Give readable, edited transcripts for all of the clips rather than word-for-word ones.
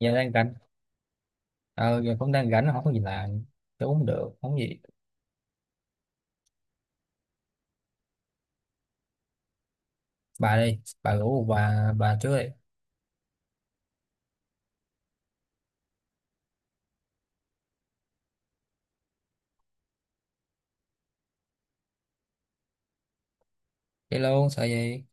Giờ đang rảnh. Ờ, giờ cũng đang rảnh, không có gì làm. Tôi uống được không gì? Bà đi, bà rủ bà trước đi. Đi luôn, sợ gì.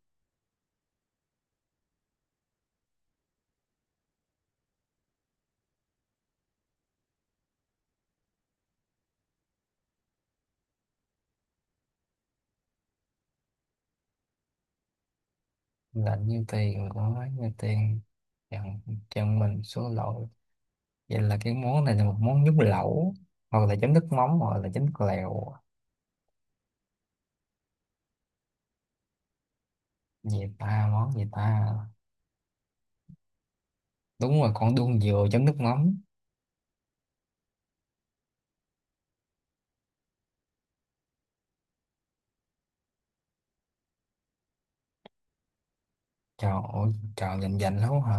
Lạnh như tiền mà nói như tiền. Chẳng chẳng mình số lỗi. Vậy là cái món này là một món nhúng lẩu, hoặc là chấm nước mắm hoặc là chấm nước lèo. Gì ta, món gì ta? Đúng rồi, con đuông dừa chấm nước mắm. Trời ơi trời, dành dành lắm hả?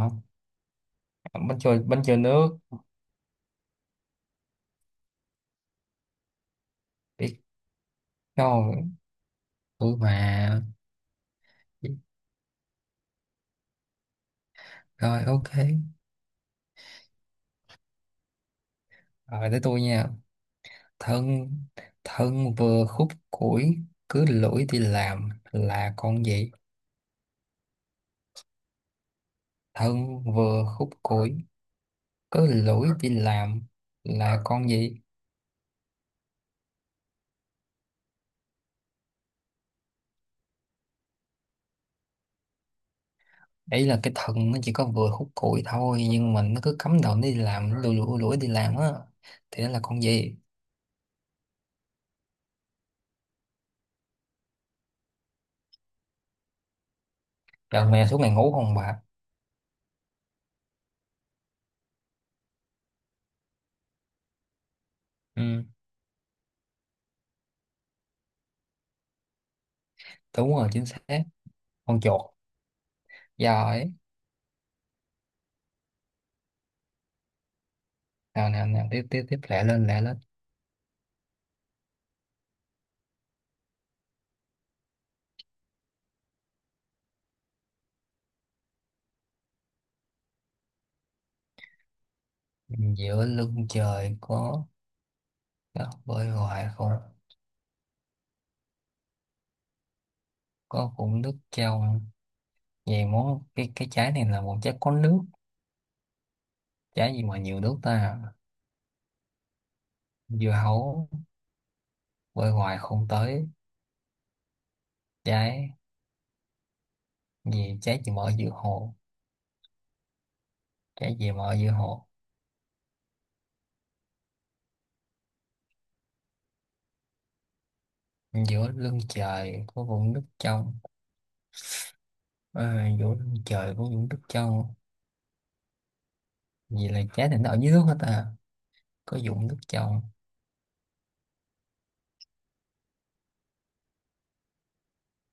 Bánh trôi, bánh trôi nước. Biết đâu, tôi mà. Rồi, ok. Rồi tới tôi nha. Thân thân vừa khúc củi, cứ lủi đi làm, là con gì? Thân vừa khúc củi, cứ lủi đi làm, là con gì? Ấy là cái thân nó chỉ có vừa khúc củi thôi, nhưng mà nó cứ cắm đầu nó đi làm, nó lủi lủi lủi đi làm á, thì nó là con gì? Giờ mẹ suốt ngày ngủ không bà? Ừ. Đúng rồi, chính xác, con chuột. Giỏi. Nào nào nào, tiếp tiếp tiếp, lẹ lên lẹ lên. Giữa lưng trời có, bơi hoài không, có vũng nước trong. Vậy món, cái trái này là một trái có nước. Trái gì mà nhiều nước ta? Dưa hấu. Bơi hoài không tới. Trái gì? Trái gì mà ở giữa hồ? Trái gì mà ở giữa hồ? Giữa lưng trời có vũng nước trong. À, giữa lưng trời có vũng nước trong. Vì là trái này nó ở dưới nước hết à, có vũng nước trong.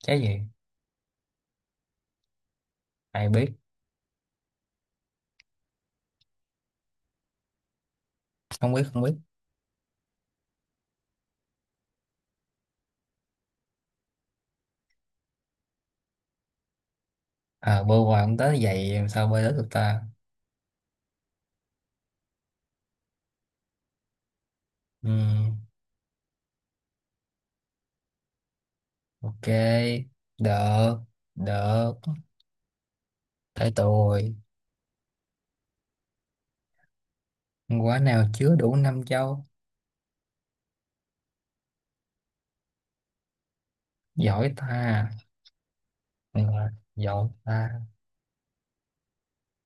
Trái gì? Ai biết. Không biết, không biết. À, bơi hoài không tới, vậy làm sao bơi tới được ta? Ừm, ok, được, được. Tới tôi. Quả nào chứa đủ năm châu? Giỏi ta. Ừ, giỏi ta.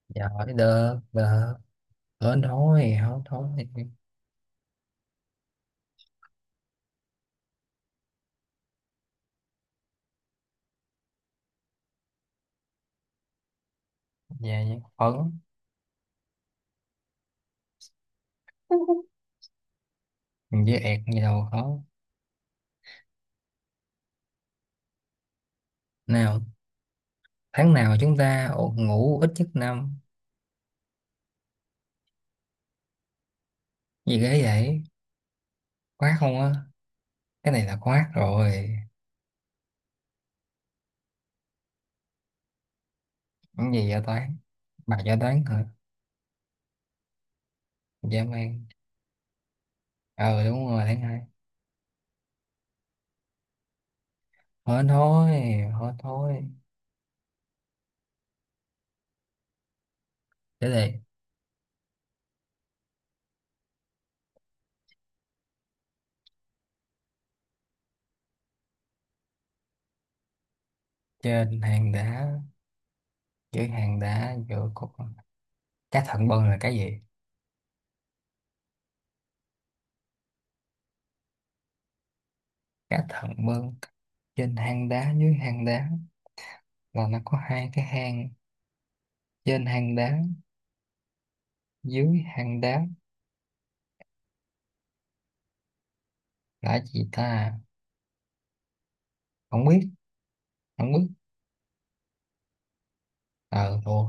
Giỏi đơ đơ. Hớn thôi. Về những phấn. Với ẹt gì đâu khó. Nào. Tháng nào chúng ta ngủ ít nhất năm? Gì ghê vậy. Khoát không á? Cái này là khoát rồi. Cái gì vậy, toán? Bà cho toán hả? Dã man. Ờ đúng rồi, tháng hai. Hớn thôi hớn thôi Để đây. Trên hàng đá, dưới hàng đá, giữa cục cá thận bơn, là cái gì? Cả thận mương. Trên hang đá, dưới hang đá, là nó có hai cái hang. Trên hang đá, dưới hang đá, là gì ta? Không biết, không biết. Ờ thua.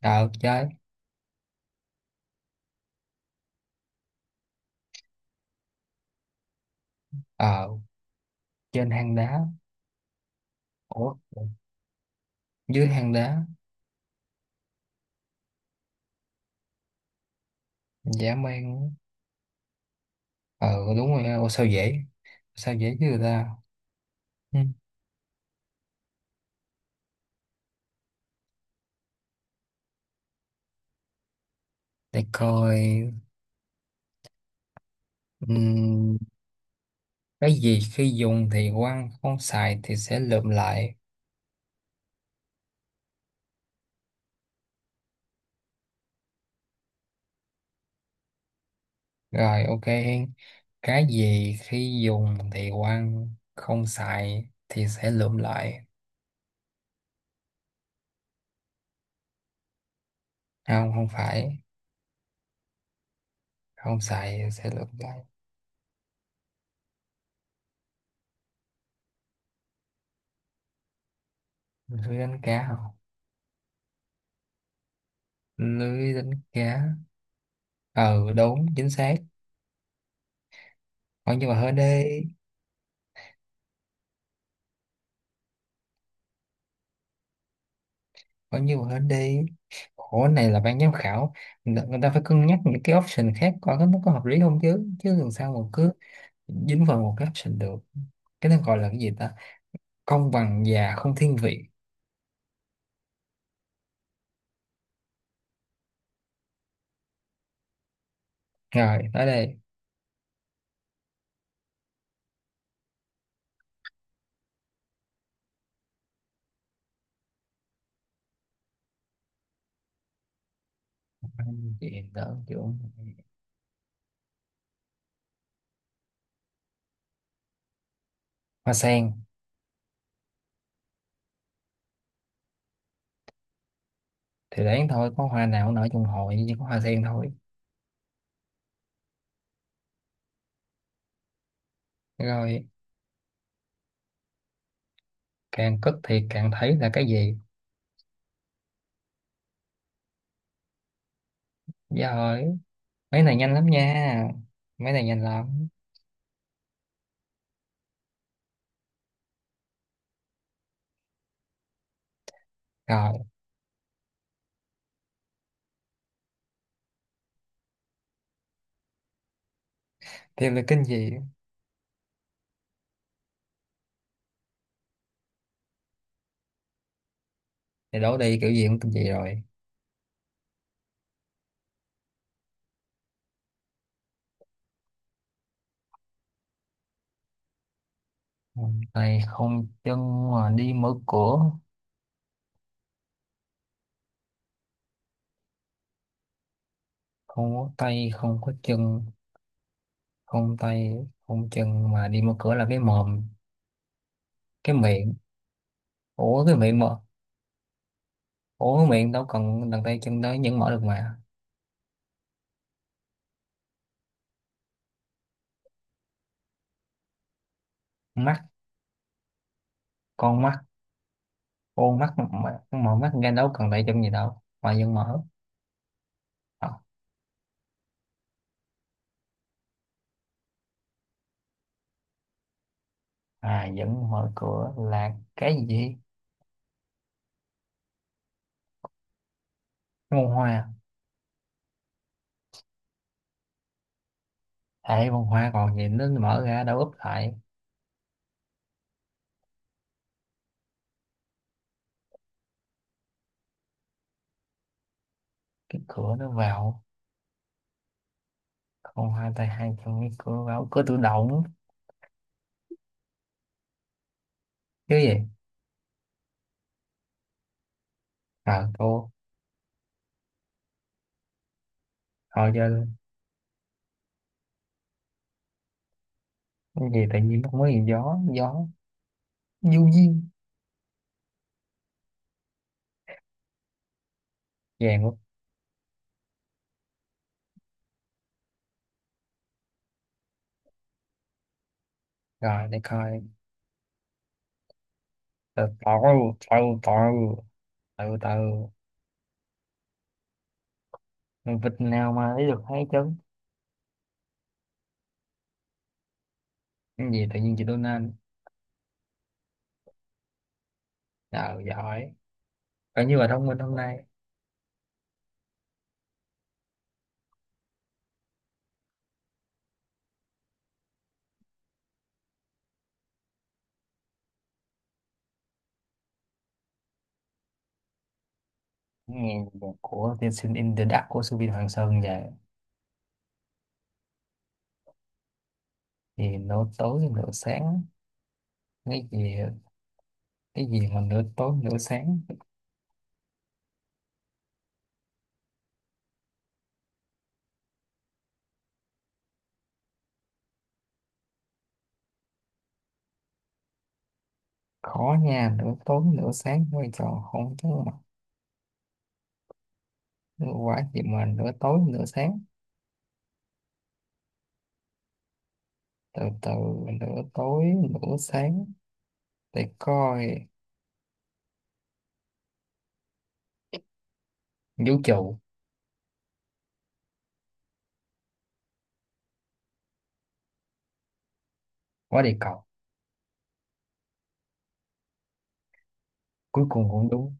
Ờ chơi. Ờ. Trên hang đá. Ủa. Dưới hang đá. Dã man. Ờ đúng rồi, ủa sao dễ. Sao dễ chứ người ta. Ừ. Để coi. Ừm, cái gì khi dùng thì quăng, không xài thì sẽ lượm lại? Rồi ok Hiên. Cái gì khi dùng thì quăng, không xài thì sẽ lượm lại. Không, không phải. Không xài thì sẽ lượm lại. Lưới đánh cá không? Lưới đánh cá. Ừ đúng, chính xác. Coi như mà hên đi. Coi như mà hên đi. Khổ này là ban giám khảo. Người người ta phải cân nhắc những cái option khác coi nó có hợp lý không chứ. Chứ làm sao mà cứ dính vào một cái option được. Cái đó gọi là cái gì ta? Công bằng và không thiên vị. Rồi, tới đây. Thì đó kiểu hoa sen. Thì đáng thôi, có hoa nào cũng nở trong hội, chỉ có hoa sen thôi. Rồi. Càng cất thì càng thấy là cái gì? Dạ rồi. Mấy này nhanh lắm nha. Mấy này nhanh lắm. Rồi. Tiếp là kinh dị. Thì đổ đi kiểu gì cũng kinh dị rồi. Không tay không chân mà đi mở cửa. Không có tay không có chân. Không tay không chân mà đi mở cửa, là cái mồm. Cái miệng. Ủa cái miệng mà. Ủa cái miệng đâu cần đằng tay chân đó vẫn mở được mà. Mắt, con mắt. Ô mắt mà- mờ mắt ra đâu cần tại chân gì đâu mà vẫn mở. À, à vẫn mở cửa là cái gì? Bông hoa. Hệ bông hoa còn gì, nó mở ra đâu úp lại. Cái cửa nó vào. Bông hoa tay hai chân, cái cửa vào, cửa tự động chứ gì. À cô. Thôi chơi luôn. Cái gì tự nhiên không có gì, gió gió. Du duyên. Vàng quá. Rồi để coi. Từ từ từ từ từ từ Mình vịt nào mà lấy được hai chân? Cái gì tự nhiên chị Donna. Nào giỏi. Và như ở thông minh hôm nay. Nghe nhạc của tiên sinh In The Dark của Subin Hoàng Sơn về. Thì nửa tối nửa sáng. Cái gì? Cái gì mà nửa tối nửa sáng? Khó nha, nửa tối nửa sáng, quay trò không thú mặt. Quá gì mà nửa tối nửa sáng? Từ từ. Nửa tối, nửa sáng. Để coi. Vũ trụ. Quá địa cầu. Cuối cùng cũng đúng.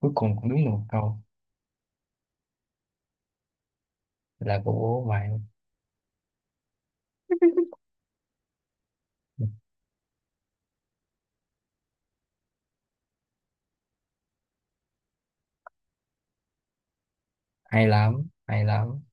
Cuối cùng cũng đúng một câu. Là của bạn. Hay lắm, hay lắm.